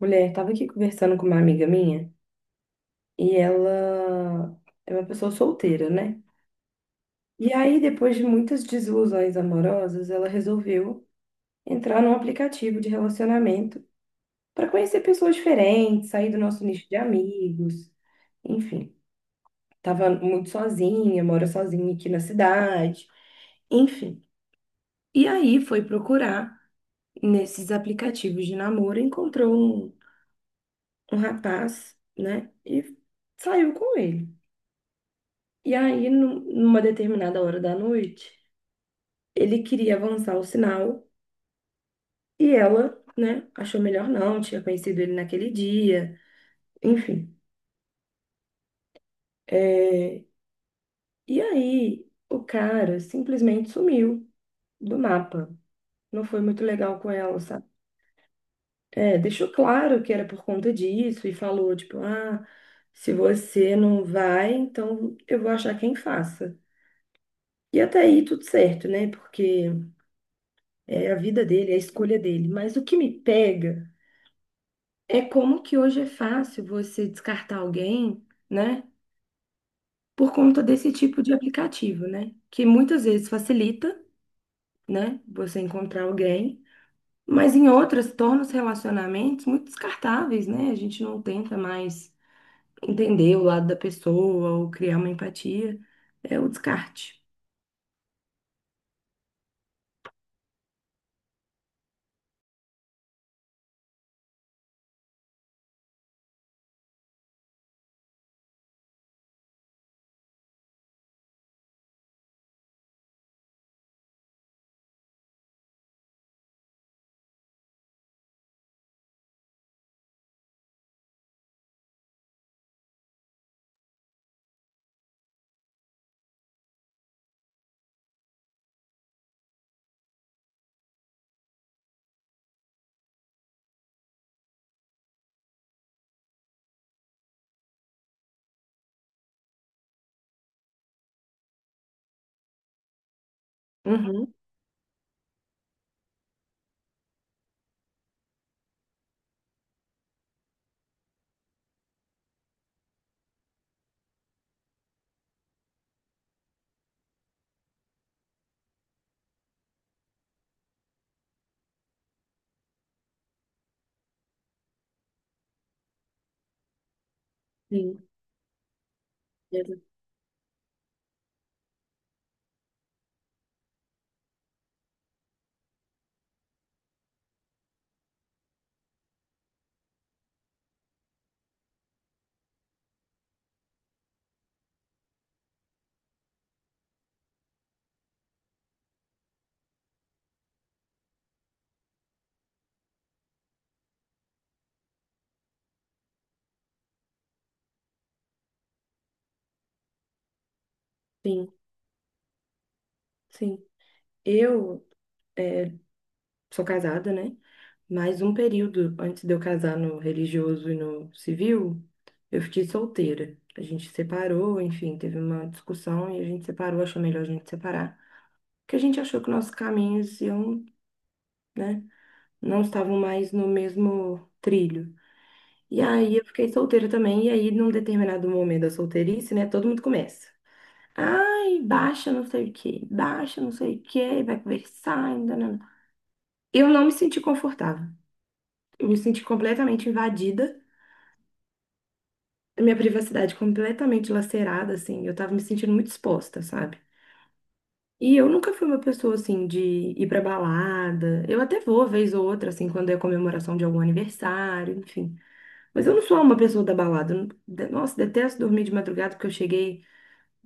Mulher, tava aqui conversando com uma amiga minha e ela é uma pessoa solteira, né? E aí, depois de muitas desilusões amorosas, ela resolveu entrar num aplicativo de relacionamento para conhecer pessoas diferentes, sair do nosso nicho de amigos, enfim. Tava muito sozinha, mora sozinha aqui na cidade, enfim. E aí foi procurar nesses aplicativos de namoro, encontrou um, um rapaz, né? E saiu com ele. E aí, numa determinada hora da noite, ele queria avançar o sinal e ela, né, achou melhor não, tinha conhecido ele naquele dia, enfim. É, e aí, o cara simplesmente sumiu do mapa. Não foi muito legal com ela, sabe? É, deixou claro que era por conta disso e falou, tipo, ah, se você não vai, então eu vou achar quem faça. E até aí tudo certo, né? Porque é a vida dele, é a escolha dele. Mas o que me pega é como que hoje é fácil você descartar alguém, né? Por conta desse tipo de aplicativo, né? Que muitas vezes facilita, né? Você encontrar alguém, mas em outras torna os relacionamentos muito descartáveis, né? A gente não tenta mais entender o lado da pessoa ou criar uma empatia. É o descarte. Uhum, sim, exa- sim, sim. Eu eh, sou casada, né? Mais um período antes de eu casar no religioso e no civil, eu fiquei solteira. A gente separou, enfim, teve uma discussão e a gente separou, achou melhor a gente separar. Porque a gente achou que nossos caminhos iam, né, não estavam mais no mesmo trilho. E aí eu fiquei solteira também, e aí num determinado momento da solteirice, né, todo mundo começa. Ai, baixa não sei o quê, baixa não sei o quê, vai conversar, ainda não. Eu não me senti confortável. Eu me senti completamente invadida. Minha privacidade completamente lacerada, assim, eu tava me sentindo muito exposta, sabe? E eu nunca fui uma pessoa, assim, de ir pra balada. Eu até vou, vez ou outra, assim, quando é comemoração de algum aniversário, enfim. Mas eu não sou uma pessoa da balada. Eu não- de- Nossa, detesto dormir de madrugada porque eu cheguei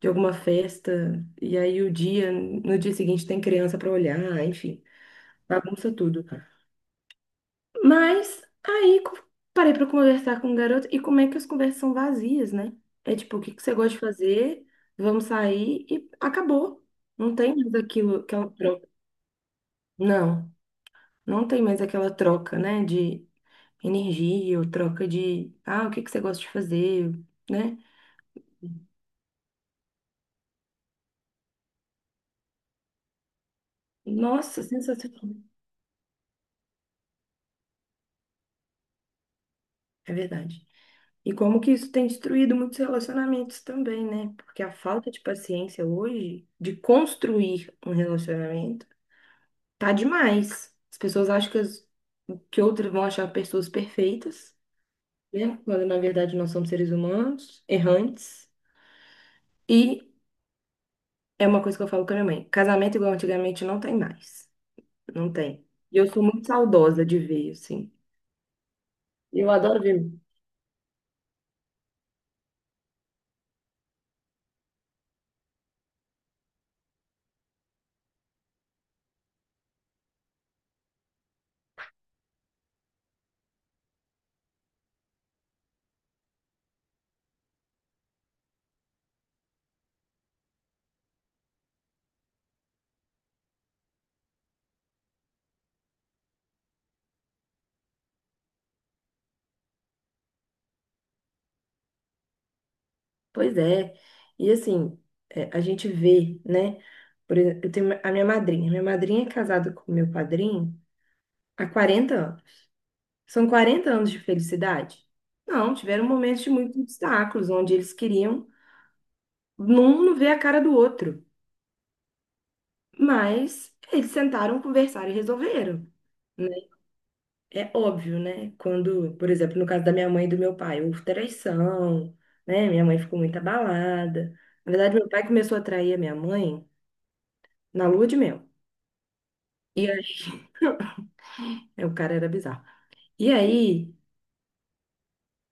de alguma festa e aí o dia, no dia seguinte tem criança pra olhar, enfim, bagunça tudo. Mas aí parei pra conversar com o garoto e como é que as conversas são vazias, né? É tipo, o que que você gosta de fazer? Vamos sair e acabou. Não tem mais aquilo, aquela troca. Não, não tem mais aquela troca, né? De energia ou troca de, ah, o que que você gosta de fazer, né? Nossa, sensacional. É verdade. E como que isso tem destruído muitos relacionamentos também, né? Porque a falta de paciência hoje de construir um relacionamento tá demais. As pessoas acham que, que outras vão achar pessoas perfeitas, né? Quando na verdade nós somos seres humanos, errantes. E é uma coisa que eu falo com a minha mãe: casamento igual antigamente não tem mais. Não tem. E eu sou muito saudosa de ver, assim. Eu adoro ver. Pois é. E assim, é, a gente vê, né? Por exemplo, eu tenho a minha madrinha. Minha madrinha é casada com meu padrinho há 40 anos. São 40 anos de felicidade? Não, tiveram momentos de muitos obstáculos, onde eles queriam um não ver a cara do outro. Mas eles sentaram, conversaram e resolveram. Né? É óbvio, né? Quando, por exemplo, no caso da minha mãe e do meu pai, houve traição, né? Minha mãe ficou muito abalada. Na verdade, meu pai começou a trair a minha mãe na lua de mel. E aí, o cara era bizarro. E aí,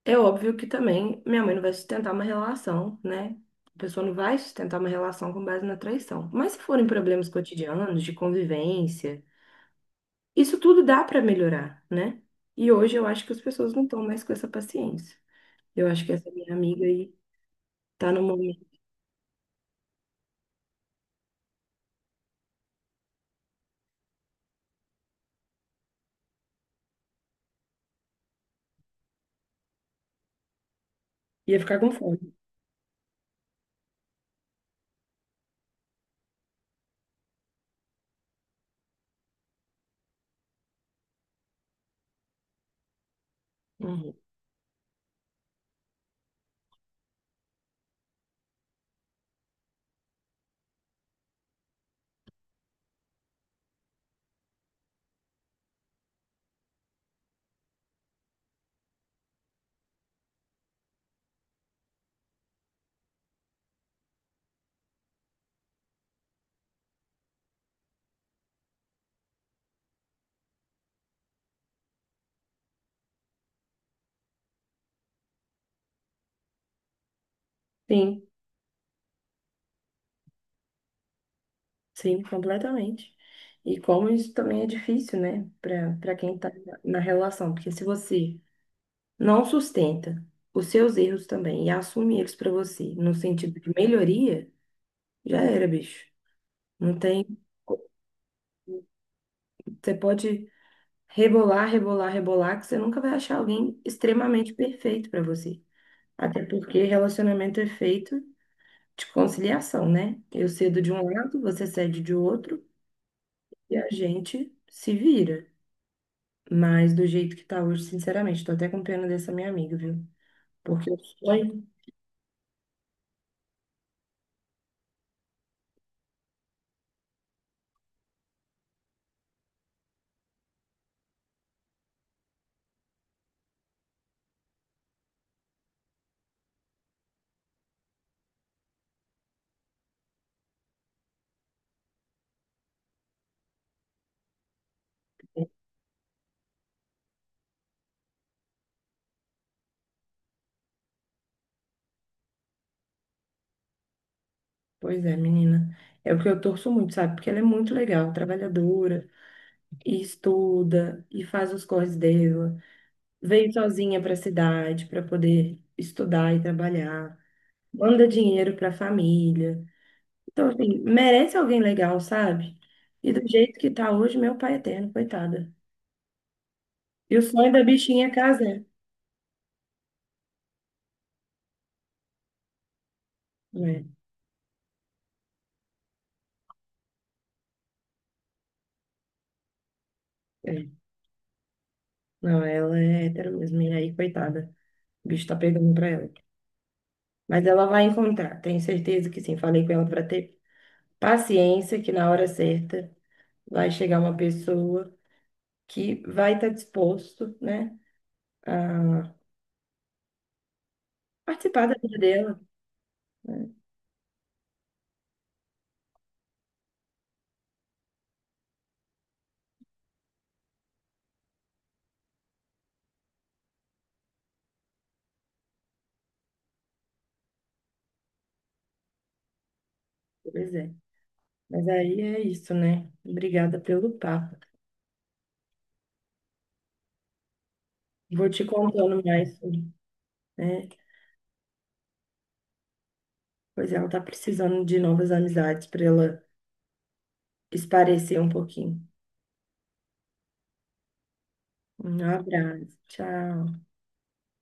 é óbvio que também minha mãe não vai sustentar uma relação, né? A pessoa não vai sustentar uma relação com base na traição. Mas se forem problemas cotidianos, de convivência, isso tudo dá para melhorar, né? E hoje eu acho que as pessoas não estão mais com essa paciência. Eu acho que essa minha amiga aí tá no momento. Ia ficar com fome. Uhum. Sim, sim, completamente. E como isso também é difícil, né? Para para quem tá na relação. Porque se você não sustenta os seus erros também e assume eles para você, no sentido de melhoria, já era, bicho. Não tem, você pode rebolar, rebolar, rebolar, que você nunca vai achar alguém extremamente perfeito para você. Até porque relacionamento é feito de conciliação, né? Eu cedo de um lado, você cede de outro e a gente se vira. Mas do jeito que tá hoje, sinceramente, tô até com pena dessa minha amiga, viu? Porque o sonho... Pois é, menina. É o que eu torço muito, sabe? Porque ela é muito legal, trabalhadora, e estuda, e faz os corres dela. Veio sozinha para a cidade para poder estudar e trabalhar. Manda dinheiro para a família. Então, assim, merece alguém legal, sabe? E do jeito que tá hoje, meu pai é eterno, coitada. E o sonho da bichinha é casar. Né? É. É. Não, ela é hétero mesmo. E aí, coitada. O bicho tá pegando pra ela. Mas ela vai encontrar, tenho certeza que sim. Falei com ela para ter. Paciência, que na hora certa vai chegar uma pessoa que vai estar disposto, né, a participar da vida dela. Pois é. Mas aí é isso, né? Obrigada pelo papo. Vou te contando mais, sobre, né? Pois ela tá precisando de novas amizades para ela esparecer um pouquinho. Um abraço. Tchau.